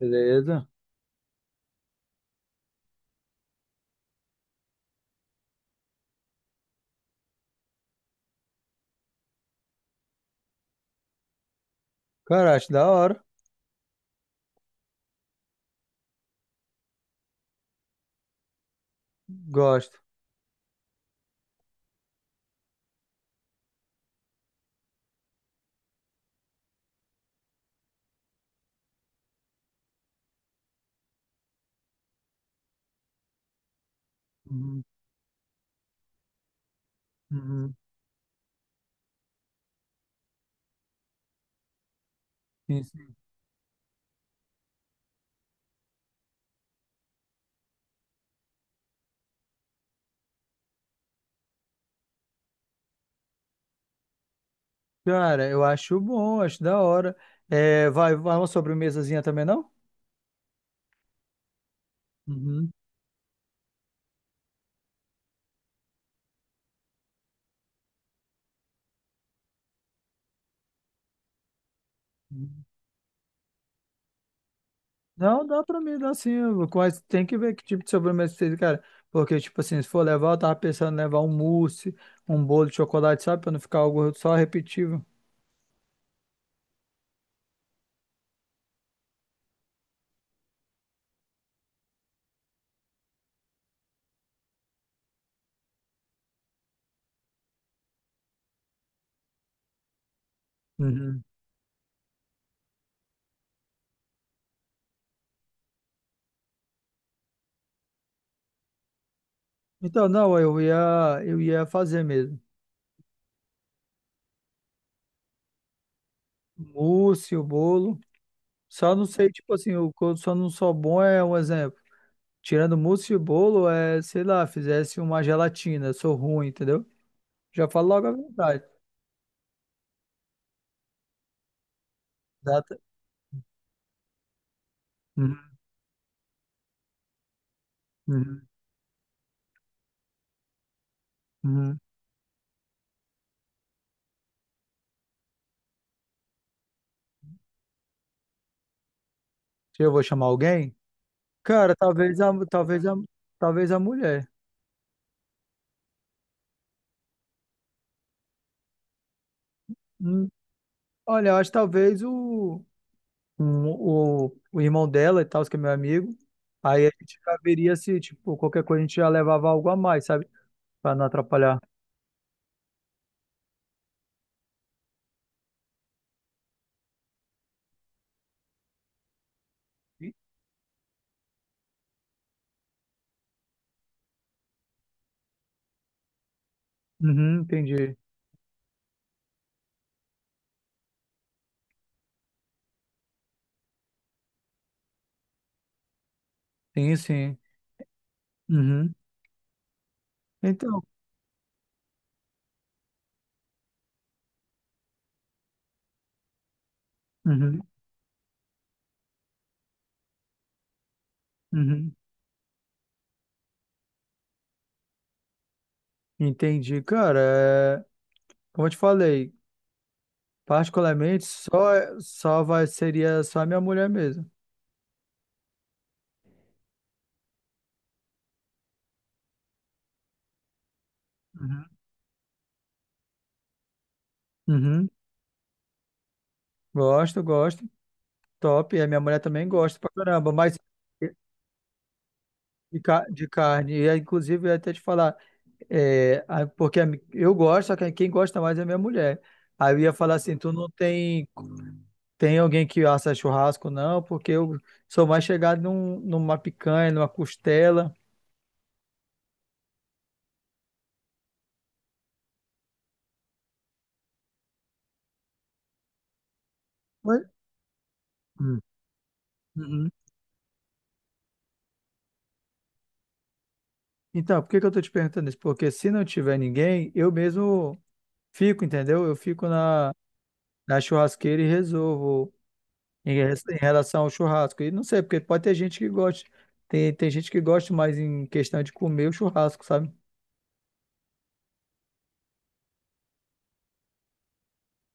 Beleza. Cara, acho da hora. Gosto. Uhum, uhum. Sim, sim. Cara, eu acho bom, acho da hora. É, vai, vai uma sobremesazinha também, não? Uhum, uhum. Não, dá pra mim, dá sim. Mas tem que ver que tipo de sobremesa você tem, cara. Porque, tipo assim, se for levar, eu tava pensando em levar um mousse, um bolo de chocolate, sabe? Pra não ficar algo só repetível. Uhum. Então, não, eu ia fazer mesmo. Mousse, o bolo. Só não sei, tipo assim, o que eu só não sou bom é um exemplo. Tirando mousse e bolo, sei lá, fizesse uma gelatina. Eu sou ruim, entendeu? Já falo logo a verdade. Exata. Uhum, uhum, uhum. Se eu vou chamar alguém? Cara, talvez a mulher. Hum, Olha, eu acho que talvez o irmão dela e tal, que é meu amigo. Aí a gente já veria se, tipo, qualquer coisa a gente já levava algo a mais, sabe? Pra não atrapalhar. Uhum, entendi. Sim, sim. Uhum. Então. Uhum, uhum. Entendi, cara. Como eu te falei, particularmente, seria só a minha mulher mesmo. Uhum. Uhum. Gosto, gosto. Top. E a minha mulher também gosta pra caramba, mas de carne. E, aí, inclusive, eu ia até te falar, eu gosto, só que quem gosta mais é a minha mulher. Aí eu ia falar assim, tu não tem, tem alguém que assa churrasco, não, porque eu sou mais chegado numa picanha, numa costela. Mas- hum. Uhum. Então, por que que eu tô te perguntando isso? Porque se não tiver ninguém, eu mesmo fico, entendeu? Eu fico na churrasqueira e resolvo em relação ao churrasco. E não sei, porque pode ter gente que goste. Tem gente que gosta mais em questão de comer o churrasco, sabe?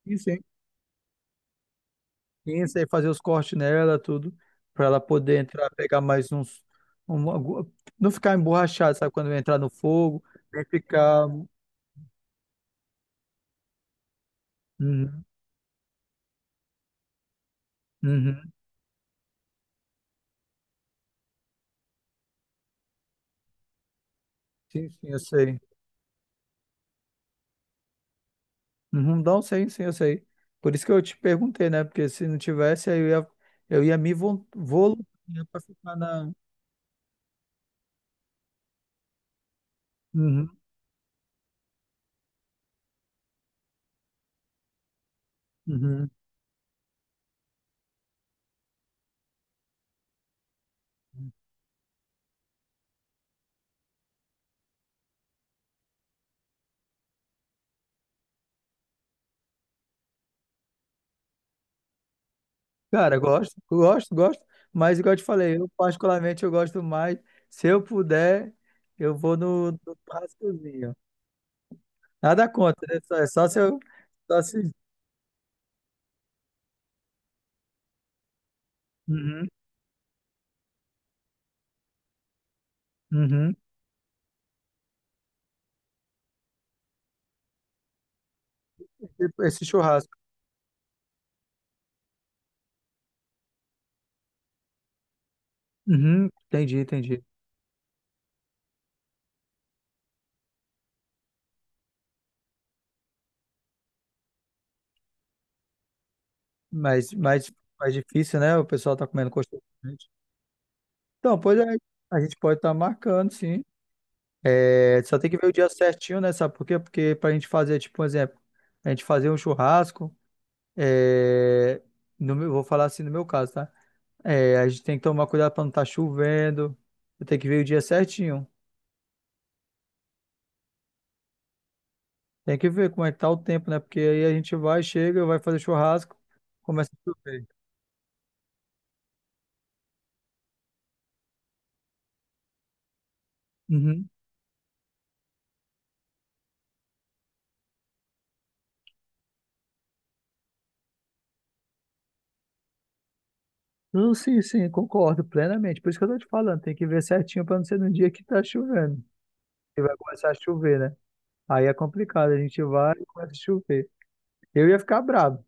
Isso, hein? Isso aí, fazer os cortes nela, tudo, pra ela poder entrar, pegar mais uns. um- algu- não ficar emborrachado, sabe? Quando entrar no fogo, nem ficar. Uhum, uhum. Sim, sim, eu sei. Uhum, não, sei, sim, eu sei. Por isso que eu te perguntei, né? Porque se não tivesse, aí eu ia me voluntar para ficar na. Uhum, uhum. Cara, gosto, gosto, gosto. Mas, igual eu te falei, eu particularmente eu gosto mais. Se eu puder, eu vou no churrascozinho. Nada contra, né? Só, é só se eu. Só se, uhum, uhum. Esse churrasco. Uhum, entendi, entendi. Mas mais, mais difícil, né? O pessoal tá comendo constantemente. Então, pois é, a gente pode estar marcando, sim. É, só tem que ver o dia certinho, né? Sabe por quê? Porque pra gente fazer, tipo, um exemplo, a gente fazer um churrasco, é, no meu- vou falar assim no meu caso, tá? É, a gente tem que tomar cuidado pra não estar chovendo, tem que ver o dia certinho. Tem que ver como é que tá o tempo, né? Porque aí a gente vai, chega, vai fazer churrasco, começa a chover. Uhum. Não, sim, sim, concordo plenamente. Por isso que eu tô te falando, tem que ver certinho pra não ser no dia que tá chovendo. Que vai começar a chover, né? Aí é complicado, a gente vai e começa a chover. Eu ia ficar bravo.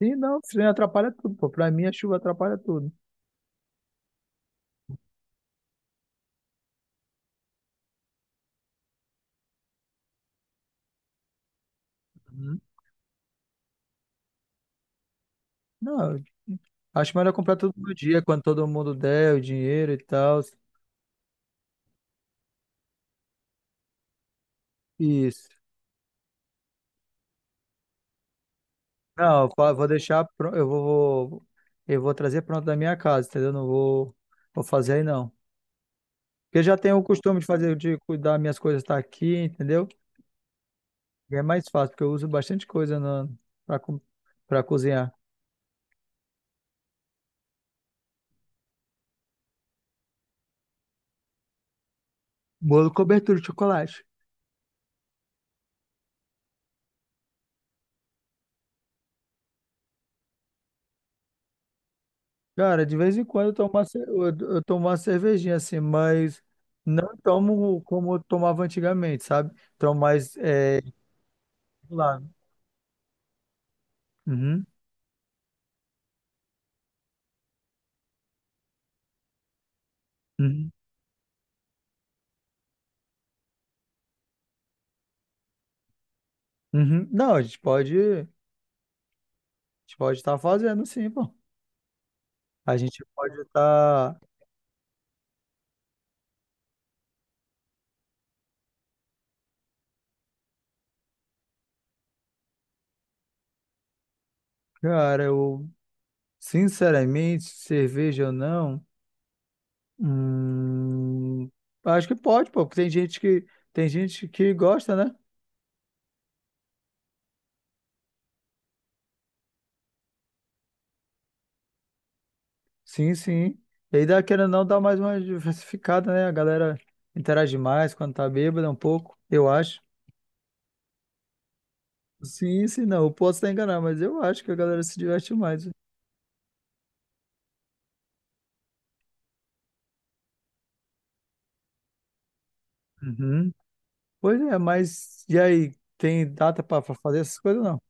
E não, treino atrapalha tudo, pô. Pra mim a chuva atrapalha tudo. Uhum. Não, eu acho melhor comprar tudo no dia, quando todo mundo der o dinheiro e tal. Isso. Não, eu fa- vou deixar, pro- eu vou trazer pronto da minha casa, entendeu? Não vou, Vou fazer aí não. Porque eu já tenho o costume de fazer, de cuidar minhas coisas estar aqui, entendeu? E é mais fácil, porque eu uso bastante coisa pra, co- pra cozinhar. Bolo, cobertura de chocolate. Cara, de vez em quando eu tomo uma cervejinha assim, mas não tomo como eu tomava antigamente, sabe? Tomo mais é, lá. Uhum, uhum, uhum. Não, a gente pode estar fazendo sim, pô. A gente pode estar, cara, eu sinceramente, cerveja ou não, hum, acho que pode, pô, porque tem gente que gosta, né? Sim, sim. E aí, dá, querendo ou não, dá mais uma diversificada, né? A galera interage mais quando tá bêbada um pouco, eu acho. Sim, sim, não. Eu posso estar enganado, mas eu acho que a galera se diverte mais. Uhum. Pois é, mas e aí, tem data para fazer essas coisas ou não?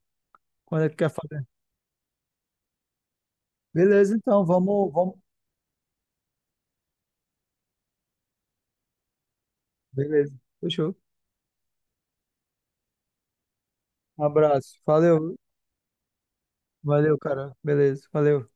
Quando é que quer fazer? Beleza, então, vamos, vamos. Beleza. Fechou. Um abraço. Valeu. Valeu, cara. Beleza. Valeu.